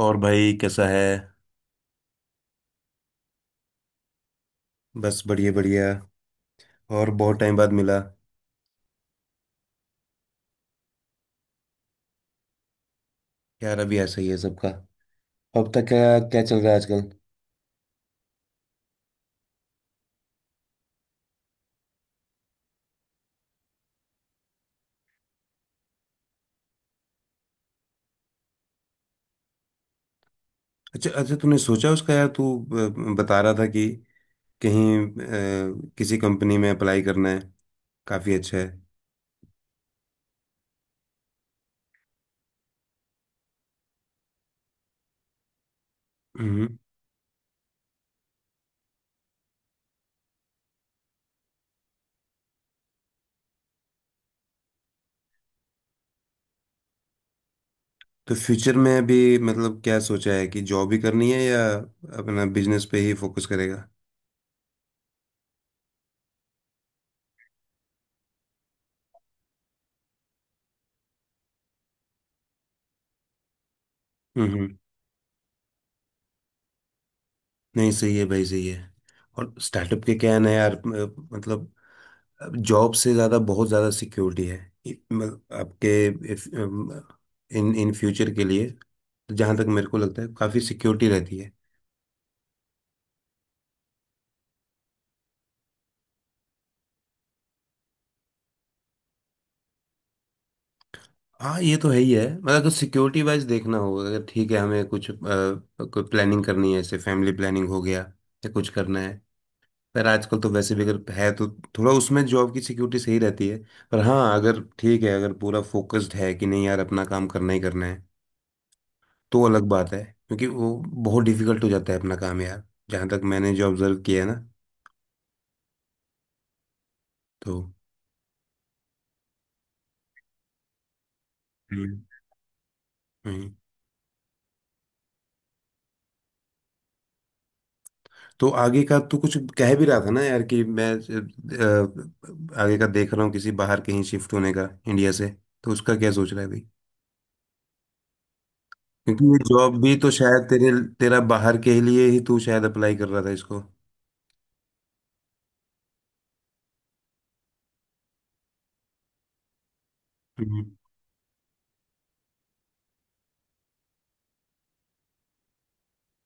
और भाई कैसा है? बस बढ़िया बढ़िया। और बहुत टाइम बाद मिला। यार, अभी ऐसा ही है सबका। अब तक क्या क्या चल रहा है आजकल? अच्छा अच्छा, तूने सोचा उसका यार, तू बता रहा था कि कहीं किसी कंपनी में अप्लाई करना है। काफ़ी अच्छा है। हम्म। तो फ्यूचर में अभी मतलब क्या सोचा है कि जॉब ही करनी है या अपना बिजनेस पे ही फोकस करेगा? हम्म। नहीं, सही है भाई, सही है। और स्टार्टअप के क्या है ना यार, मतलब जॉब से ज़्यादा बहुत ज़्यादा सिक्योरिटी है। आपके इन इन फ्यूचर के लिए। जहाँ तक मेरे को लगता है काफ़ी सिक्योरिटी रहती है। हाँ, ये तो है ही है, मतलब अगर सिक्योरिटी वाइज देखना होगा, अगर ठीक है हमें कुछ कोई प्लानिंग करनी है जैसे फैमिली प्लानिंग हो गया या कुछ करना है। पर आजकल तो वैसे भी अगर है तो थोड़ा उसमें जॉब की सिक्योरिटी सही रहती है। पर हाँ, अगर ठीक है, अगर पूरा फोकस्ड है कि नहीं यार अपना काम करना ही करना है तो अलग बात है, क्योंकि वो बहुत डिफिकल्ट हो जाता है अपना काम यार। जहाँ तक मैंने जो ऑब्जर्व किया है ना, तो हम्म, हम्म। तो आगे का तो कुछ कह भी रहा था ना यार कि मैं आगे का देख रहा हूँ किसी बाहर कहीं शिफ्ट होने का इंडिया से। तो उसका क्या सोच रहा है भाई? क्योंकि ये जॉब भी तो शायद तेरे तेरा बाहर के लिए ही तू शायद अप्लाई कर रहा था इसको।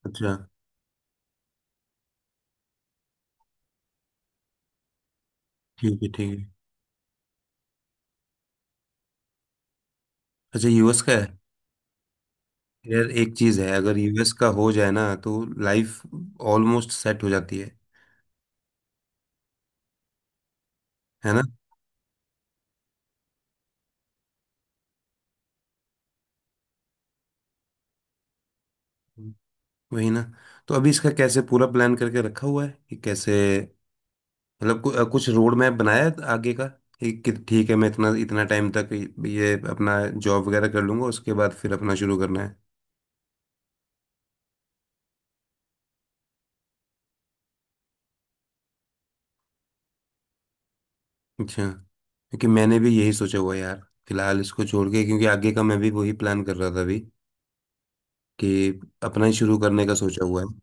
अच्छा। ठीक है, ठीक है। अच्छा, यूएस का है? यार एक चीज है, अगर यूएस का हो जाए ना तो लाइफ ऑलमोस्ट सेट हो जाती है ना। हम्म। वही ना। तो अभी इसका कैसे पूरा प्लान करके रखा हुआ है कि कैसे, मतलब कुछ रोड मैप बनाया है आगे का कि ठीक है मैं इतना इतना टाइम तक ये अपना जॉब वगैरह कर लूंगा, उसके बाद फिर अपना शुरू करना है। अच्छा। क्योंकि मैंने भी यही सोचा हुआ है यार, फिलहाल इसको छोड़ के क्योंकि आगे का मैं भी वही प्लान कर रहा था अभी, कि अपना ही शुरू करने का सोचा हुआ है।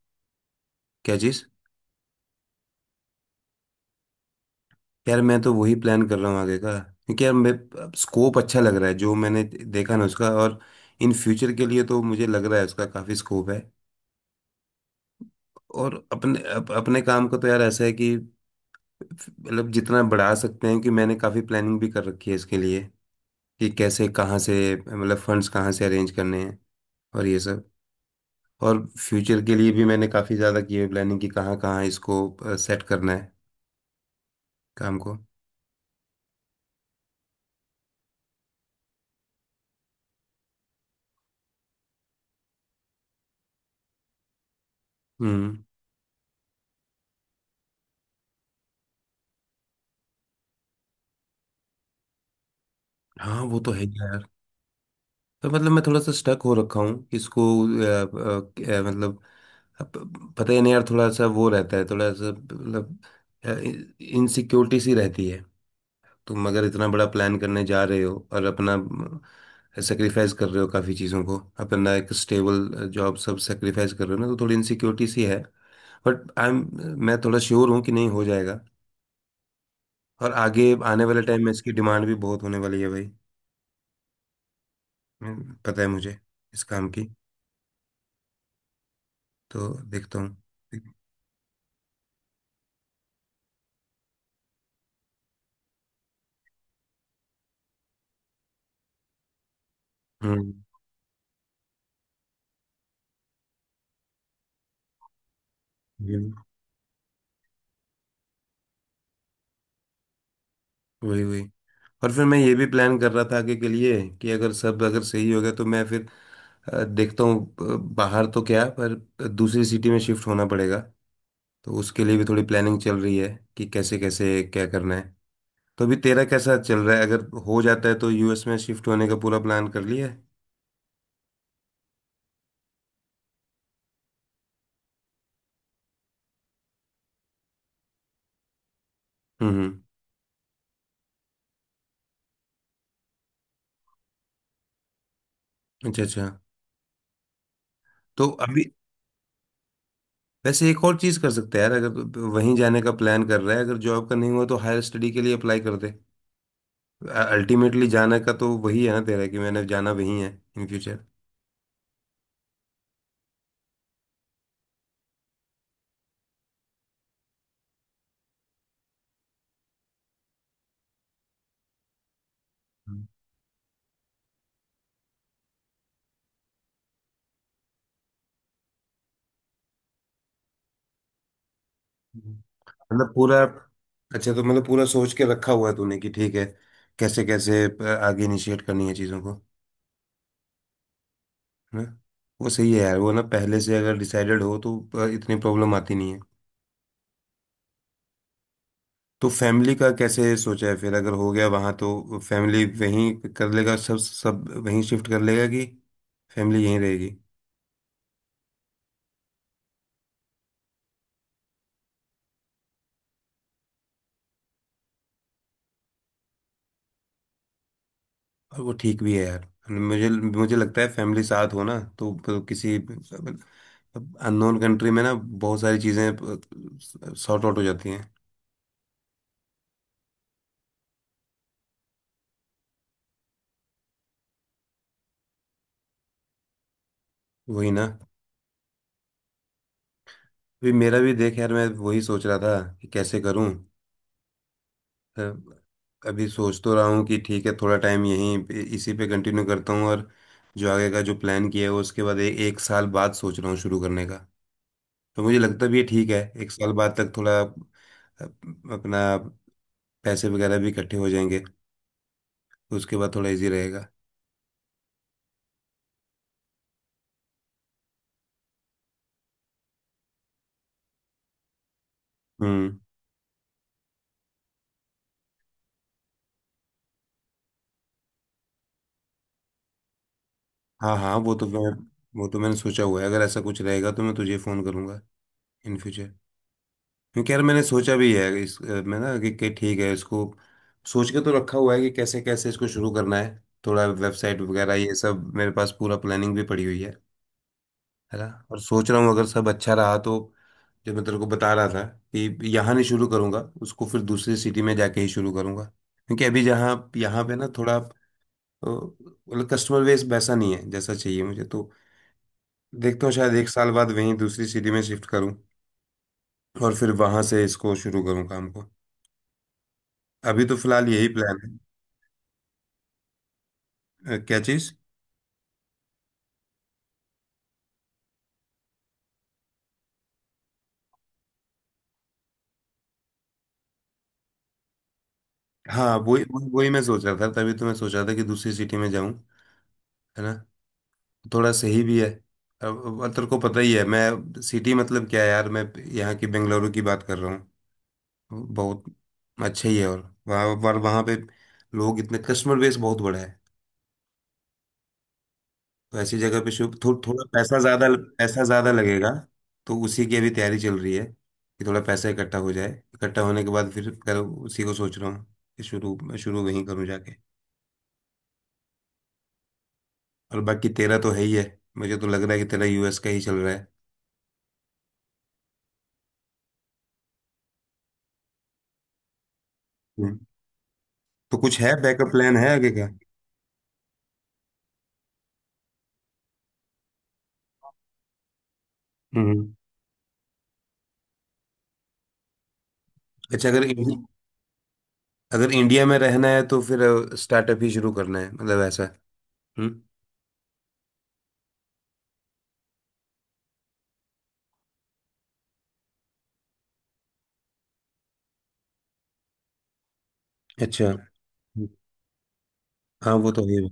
क्या चीज़? यार मैं तो वही प्लान कर रहा हूँ आगे का, क्योंकि यार मैं स्कोप अच्छा लग रहा है जो मैंने देखा ना उसका, और इन फ्यूचर के लिए तो मुझे लग रहा है उसका काफ़ी स्कोप है। और अपने अपने काम को तो यार ऐसा है कि मतलब जितना बढ़ा सकते हैं, कि मैंने काफ़ी प्लानिंग भी कर रखी है इसके लिए कि कैसे कहाँ से मतलब फंड्स कहाँ से अरेंज करने हैं, और ये सब। और फ्यूचर के लिए भी मैंने काफ़ी ज़्यादा की है प्लानिंग कि कहाँ कहाँ इसको सेट करना है, काम को। हम्म। हाँ, वो तो है ही। तो मतलब मैं थोड़ा सा स्टक हो रखा हूँ इसको मतलब अब पता ही नहीं यार, थोड़ा सा वो रहता है, थोड़ा सा मतलब इनसिक्योरिटी सी रहती है। तुम अगर इतना बड़ा प्लान करने जा रहे हो और अपना सेक्रीफाइस कर रहे हो काफ़ी चीज़ों को, अपना एक स्टेबल जॉब सब सेक्रीफाइस कर रहे हो ना, तो थोड़ी इनसिक्योरिटी सी है। बट आई एम, मैं थोड़ा श्योर हूँ कि नहीं हो जाएगा। और आगे आने वाले टाइम में इसकी डिमांड भी बहुत होने वाली है भाई। पता है मुझे इस काम की। तो देखता हूँ। हम्म, हम्म। वही वही। और फिर मैं ये भी प्लान कर रहा था आगे के लिए कि अगर सब अगर सही हो गया तो मैं फिर देखता हूँ बाहर तो क्या पर दूसरी सिटी में शिफ्ट होना पड़ेगा। तो उसके लिए भी थोड़ी प्लानिंग चल रही है कि कैसे कैसे क्या करना है। तो अभी तेरा कैसा चल रहा है, अगर हो जाता है तो यूएस में शिफ्ट होने का पूरा प्लान कर लिया है? हम्म, हम्म। अच्छा अच्छा। तो अभी वैसे एक और चीज़ कर सकते हैं यार, अगर वहीं जाने का प्लान कर रहा है, अगर जॉब का नहीं हुआ तो हायर स्टडी के लिए अप्लाई कर दे। अल्टीमेटली जाना का तो वही है ना तेरा कि मैंने जाना वही है इन फ्यूचर। मतलब पूरा। अच्छा, तो मतलब पूरा सोच के रखा हुआ है तूने कि ठीक है कैसे कैसे आगे इनिशिएट करनी है चीज़ों को, है ना। वो सही है यार, वो ना पहले से अगर डिसाइडेड हो तो इतनी प्रॉब्लम आती नहीं है। तो फैमिली का कैसे सोचा है फिर, अगर हो गया वहाँ तो फैमिली वहीं कर लेगा सब सब वहीं शिफ्ट कर लेगा कि फैमिली यहीं रहेगी? और वो ठीक भी है यार, मुझे मुझे लगता है फैमिली साथ हो ना तो किसी मतलब अननोन कंट्री में ना बहुत सारी चीज़ें सॉर्ट आउट हो जाती हैं। वही ना। अभी मेरा भी देख यार, मैं वही सोच रहा था कि कैसे करूं। अ, अभी सोच तो रहा हूं कि ठीक है थोड़ा टाइम इसी पे कंटिन्यू करता हूं, और जो आगे का जो प्लान किया है वो उसके बाद एक साल बाद सोच रहा हूँ शुरू करने का। तो मुझे लगता भी है ठीक है एक साल बाद तक थोड़ा अपना पैसे वगैरह भी इकट्ठे हो जाएंगे, उसके बाद थोड़ा इजी रहेगा। हम्म। हाँ हाँ, वो तो मैंने सोचा हुआ है, अगर ऐसा कुछ रहेगा तो मैं तुझे फ़ोन करूँगा इन फ्यूचर। क्योंकि यार मैंने सोचा भी है इस मैं ना कि ठीक है इसको सोच के तो रखा हुआ है कि कैसे कैसे इसको शुरू करना है। थोड़ा वेबसाइट वगैरह ये सब मेरे पास पूरा प्लानिंग भी पड़ी हुई है ना। और सोच रहा हूँ अगर सब अच्छा रहा तो जो मैं तेरे को बता रहा था कि यहाँ नहीं शुरू करूँगा उसको, फिर दूसरी सिटी में जाके ही शुरू करूँगा। क्योंकि अभी जहाँ यहाँ पे ना थोड़ा, तो मतलब कस्टमर बेस वैसा नहीं है जैसा चाहिए मुझे। तो देखता हूँ शायद एक साल बाद वहीं दूसरी सिटी में शिफ्ट करूँ, और फिर वहां से इसको शुरू करूँ, काम को। अभी तो फिलहाल यही प्लान है क्या चीज़? हाँ वही वही वही, मैं सोच रहा था, तभी तो मैं सोच रहा था कि दूसरी सिटी में जाऊं, है ना। थोड़ा सही भी है। अब तेरे को पता ही है मैं सिटी मतलब क्या है यार, मैं यहाँ की बेंगलुरु की बात कर रहा हूँ। बहुत अच्छा ही है, और वहाँ पे लोग इतने कस्टमर बेस बहुत बड़ा है, तो ऐसी जगह पे थोड़ा पैसा ज्यादा लगेगा। तो उसी की अभी तैयारी चल रही है कि थोड़ा पैसा इकट्ठा हो जाए, इकट्ठा होने के बाद फिर कर उसी को सोच रहा हूँ कि शुरू वहीं करूँ जाके। और बाकी तेरा तो है ही है, मुझे तो लग रहा है कि तेरा यूएस का ही चल रहा है। हम्म। तो कुछ है बैकअप प्लान है आगे का? हम्म। अच्छा, अगर इंडिया में रहना है तो फिर स्टार्टअप ही शुरू करना है मतलब, ऐसा? हम्म। अच्छा, हाँ, वो तो है ही।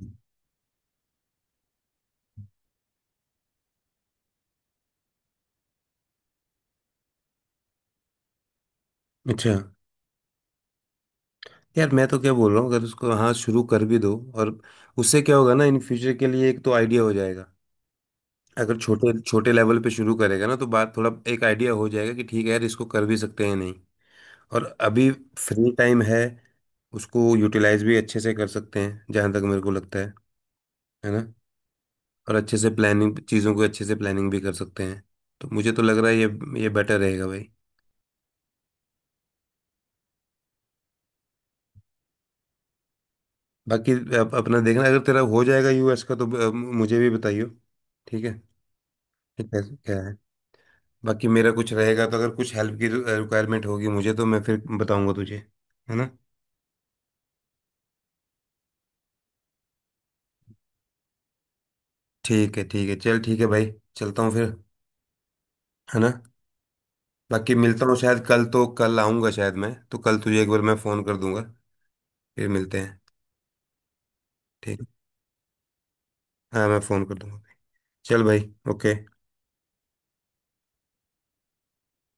अच्छा। यार मैं तो क्या बोल रहा हूँ अगर उसको हाँ शुरू कर भी दो, और उससे क्या होगा ना, इन फ्यूचर के लिए एक तो आइडिया हो जाएगा। अगर छोटे छोटे लेवल पे शुरू करेगा ना तो बात थोड़ा एक आइडिया हो जाएगा कि ठीक है यार इसको कर भी सकते हैं नहीं। और अभी फ्री टाइम है। उसको यूटिलाइज भी अच्छे से कर सकते हैं जहाँ तक मेरे को लगता है ना। और अच्छे से प्लानिंग चीज़ों को अच्छे से प्लानिंग भी कर सकते हैं। तो मुझे तो लग रहा है ये बेटर रहेगा भाई। बाकी अपना देखना अगर तेरा हो जाएगा यूएस का तो मुझे भी बताइयो। ठीक है। ठीक है, क्या है। बाकी मेरा कुछ रहेगा तो अगर कुछ हेल्प की रिक्वायरमेंट होगी मुझे तो मैं फिर बताऊंगा तुझे, है ना। ठीक है चल, ठीक है भाई, चलता हूँ फिर, है ना। बाकी मिलता हूँ शायद कल तो कल आऊँगा शायद, मैं तो कल तुझे एक बार मैं फ़ोन कर दूंगा, फिर मिलते हैं। ठीक है। हाँ, मैं फ़ोन कर दूंगा। चल भाई। ओके।